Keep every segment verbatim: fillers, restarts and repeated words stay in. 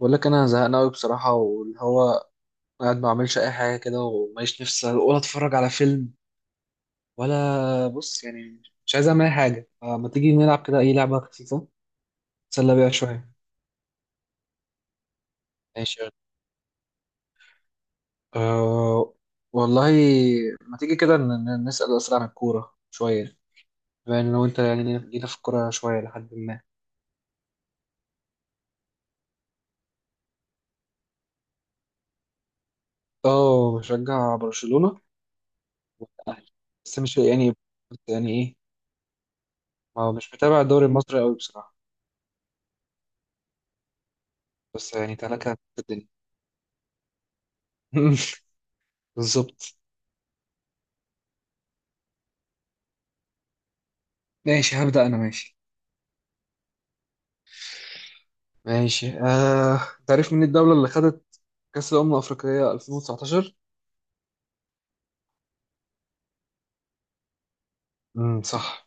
بقول لك انا زهقان قوي بصراحه واللي هو قاعد ما بعملش اي حاجه كده وماليش نفسي ولا اتفرج على فيلم ولا بص يعني مش عايز اعمل اي حاجه. فما تيجي نلعب كده اي لعبه خفيفه نتسلى بيها شويه. ماشي يلا. أه والله، ما تيجي كده ن- ن- نسال اسئله عن الكوره شويه، بما ان لو انت يعني جينا في الكوره شويه لحد ما. اه بشجع برشلونه والأهلي، بس مش يعني يعني ايه. ما هو مش متابع الدوري المصري قوي بصراحه، بس يعني تلاقيها في الدنيا. بالظبط. ماشي هبدأ أنا، ماشي ماشي آه. تعرف مين الدولة اللي خدت كأس الأمم الأفريقية ألفين وتسعطاشر؟ امم صح.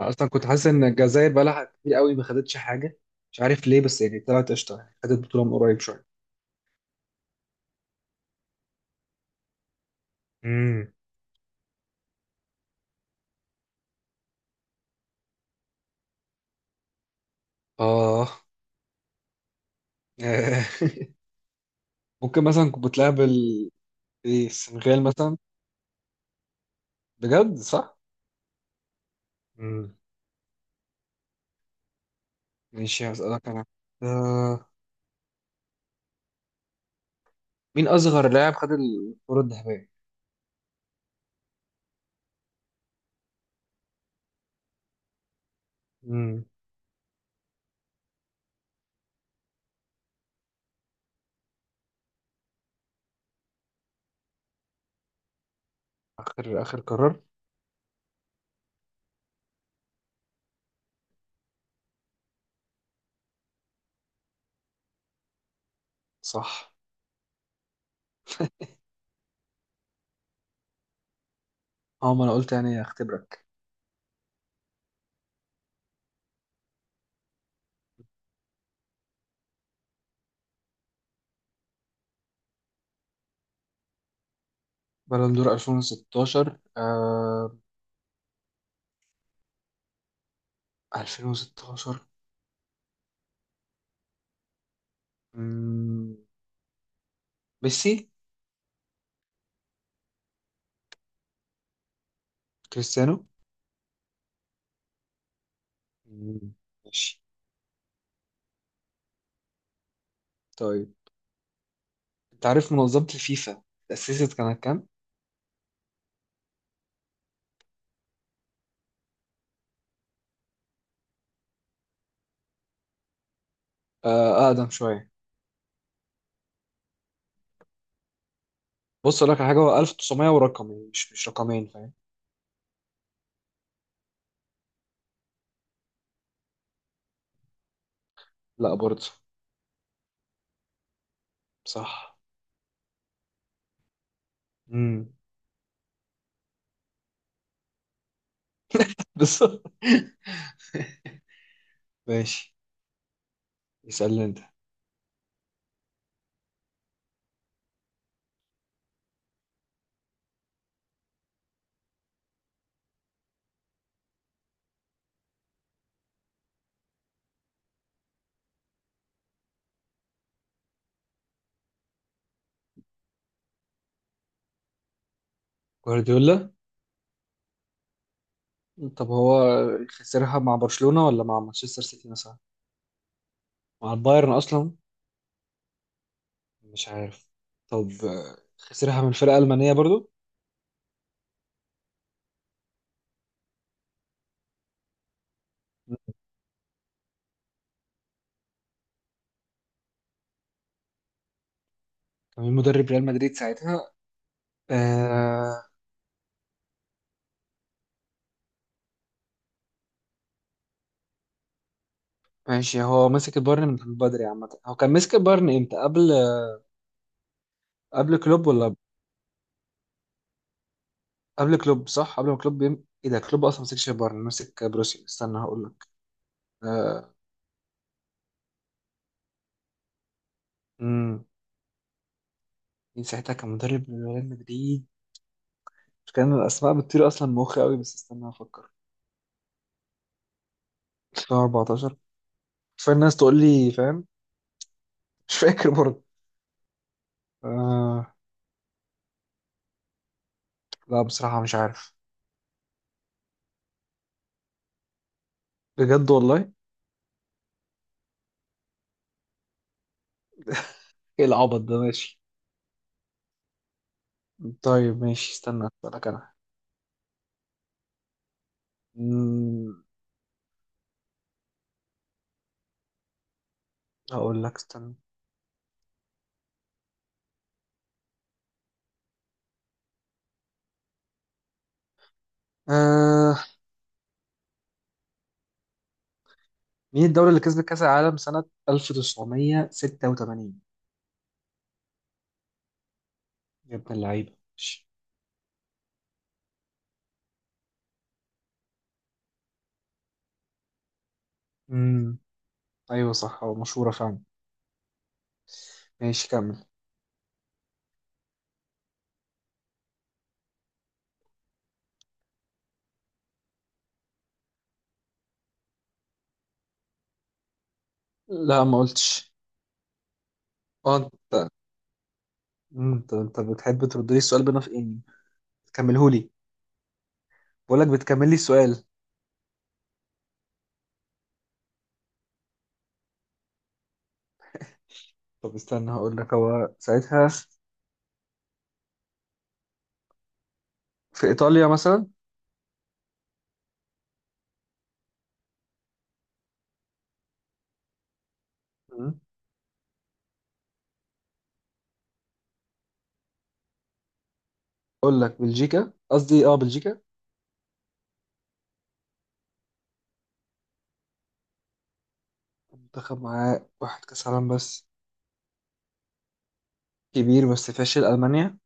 أنا أصلا كنت حاسس إن الجزائر بقالها كتير قوي ما خدتش حاجة، مش عارف ليه، بس يعني طلعت قشطة، يعني خدت بطولة من قريب شوية. امم آه. ممكن مثلا كنت بتلعب ال- إيه، السنغال مثلا. بجد صح؟ امم. ماشي هسألك أنا آه. مين أصغر لاعب خد الكرة الذهبية؟ امم. آخر آخر قرار. صح. اه ما أنا قلت يعني أختبرك. بالون دور ألفين وستطاشر آه. ألفين وستطاشر مم، ميسي. كريستيانو. مم. ماشي. طيب انت عارف منظمة الفيفا تأسست كانت كام؟ آه أقدم شوية. بص أقول لك على حاجة، هو ألف وتسعمئة ورقم، يعني مش مش رقمين، فاهم؟ لا برضه. صح. امم. بس ماشي. اسألني أنت. جوارديولا. طب هو خسرها مع برشلونة ولا مع مانشستر سيتي مثلا؟ مع البايرن أصلا؟ مش عارف. طب آه، خسرها من فرقة ألمانية برضو. كان مدرب ريال مدريد ساعتها آه. ماشي. هو مسك البايرن من بدري عامة، هو كان مسك البايرن امتى؟ قبل قبل كلوب ولا؟ قبل كلوب صح، قبل ما كلوب يم... ايه ده كلوب اصلا مسكش البايرن، مسك بروسيا، استنى هقول لك. آه امم. مين ساعتها كان مدرب ريال مدريد؟ كان الاسماء بتطير اصلا من مخي قوي، بس استنى افكر. ألفين واربعة عشر. كفايه الناس تقول لي فاهم. مش فاكر برضه آه. لا بصراحة مش عارف. بجد والله. ايه العبط ده، ماشي. طيب ماشي، استنى اسألك انا. مم، هقول لك، استنى آه. مين الدولة اللي كسبت كأس العالم سنة ألف وتسعمية وستة وتمانين؟ يا ابن اللعيبة، ماشي. امم ايوه صح، هو مشهورة فعلا. ماشي كمل. لا ما قلتش. اه انت مم، انت انت بتحب ترد لي السؤال بنفقني، تكملهولي، بقول لك بتكمل لي السؤال. طب استنى هقول لك، هو ساعتها في ايطاليا مثلا؟ مم. اقول لك بلجيكا، قصدي اه بلجيكا. منتخب معاه واحد كأس عالم بس، كبير بس فاشل. ألمانيا.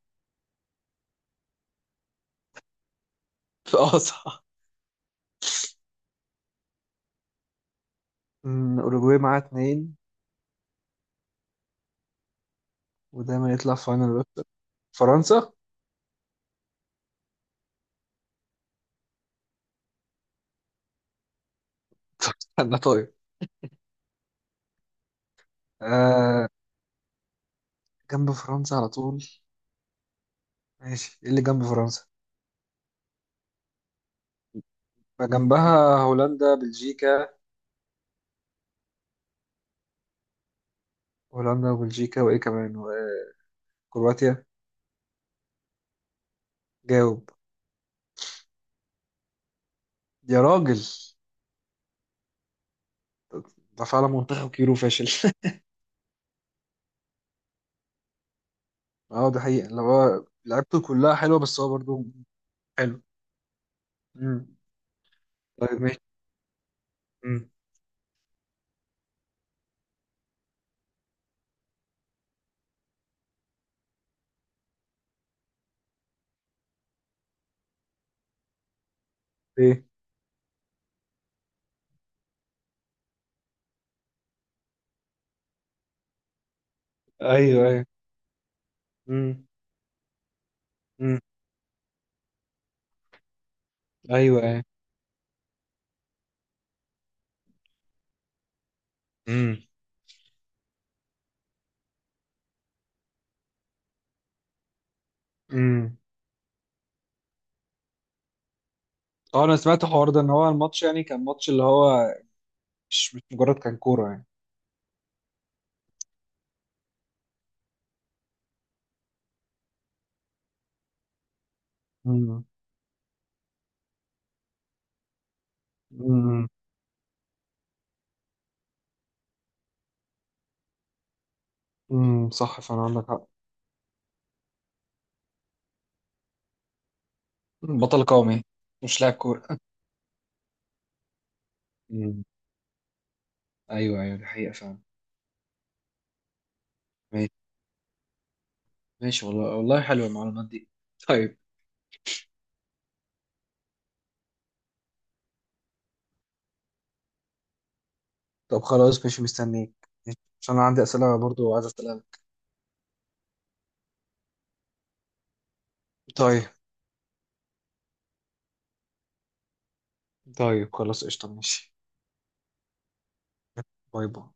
اه صح. أمم، أوروجواي معاه اتنين، ودايما يطلع في فاينل بس. فرنسا. استنى طيب آه، جنب فرنسا على طول؟ ماشي. ايه اللي جنب فرنسا؟ فجنبها هولندا بلجيكا، هولندا وبلجيكا وايه كمان، وكرواتيا. جاوب. يا راجل، ده فعلا منتخب كبير وفاشل. اه ده حقيقة، اللي هو لعبته كلها حلوة، بس هو برضه حلو. مم. طيب ماشي. مم. ايه ايوه ايوه امم امم ايوه ايوه امم امم. اه انا سمعت الحوار ده، ان هو الماتش يعني كان ماتش اللي هو مش مش مجرد كان كوره يعني. امم امم. امم صح فعلا، عندك حق. بطل قومي. مش لاعب كوره. امم ايوه ايوه، دي حقيقه فعلا. ماشي ماشي، والله والله حلوه المعلومات دي. طيب. طب خلاص ماشي مستنيك، عشان انا عندي اسئله برضو عايز اسالها لك. طيب. طيب خلاص قشطه ماشي. باي باي.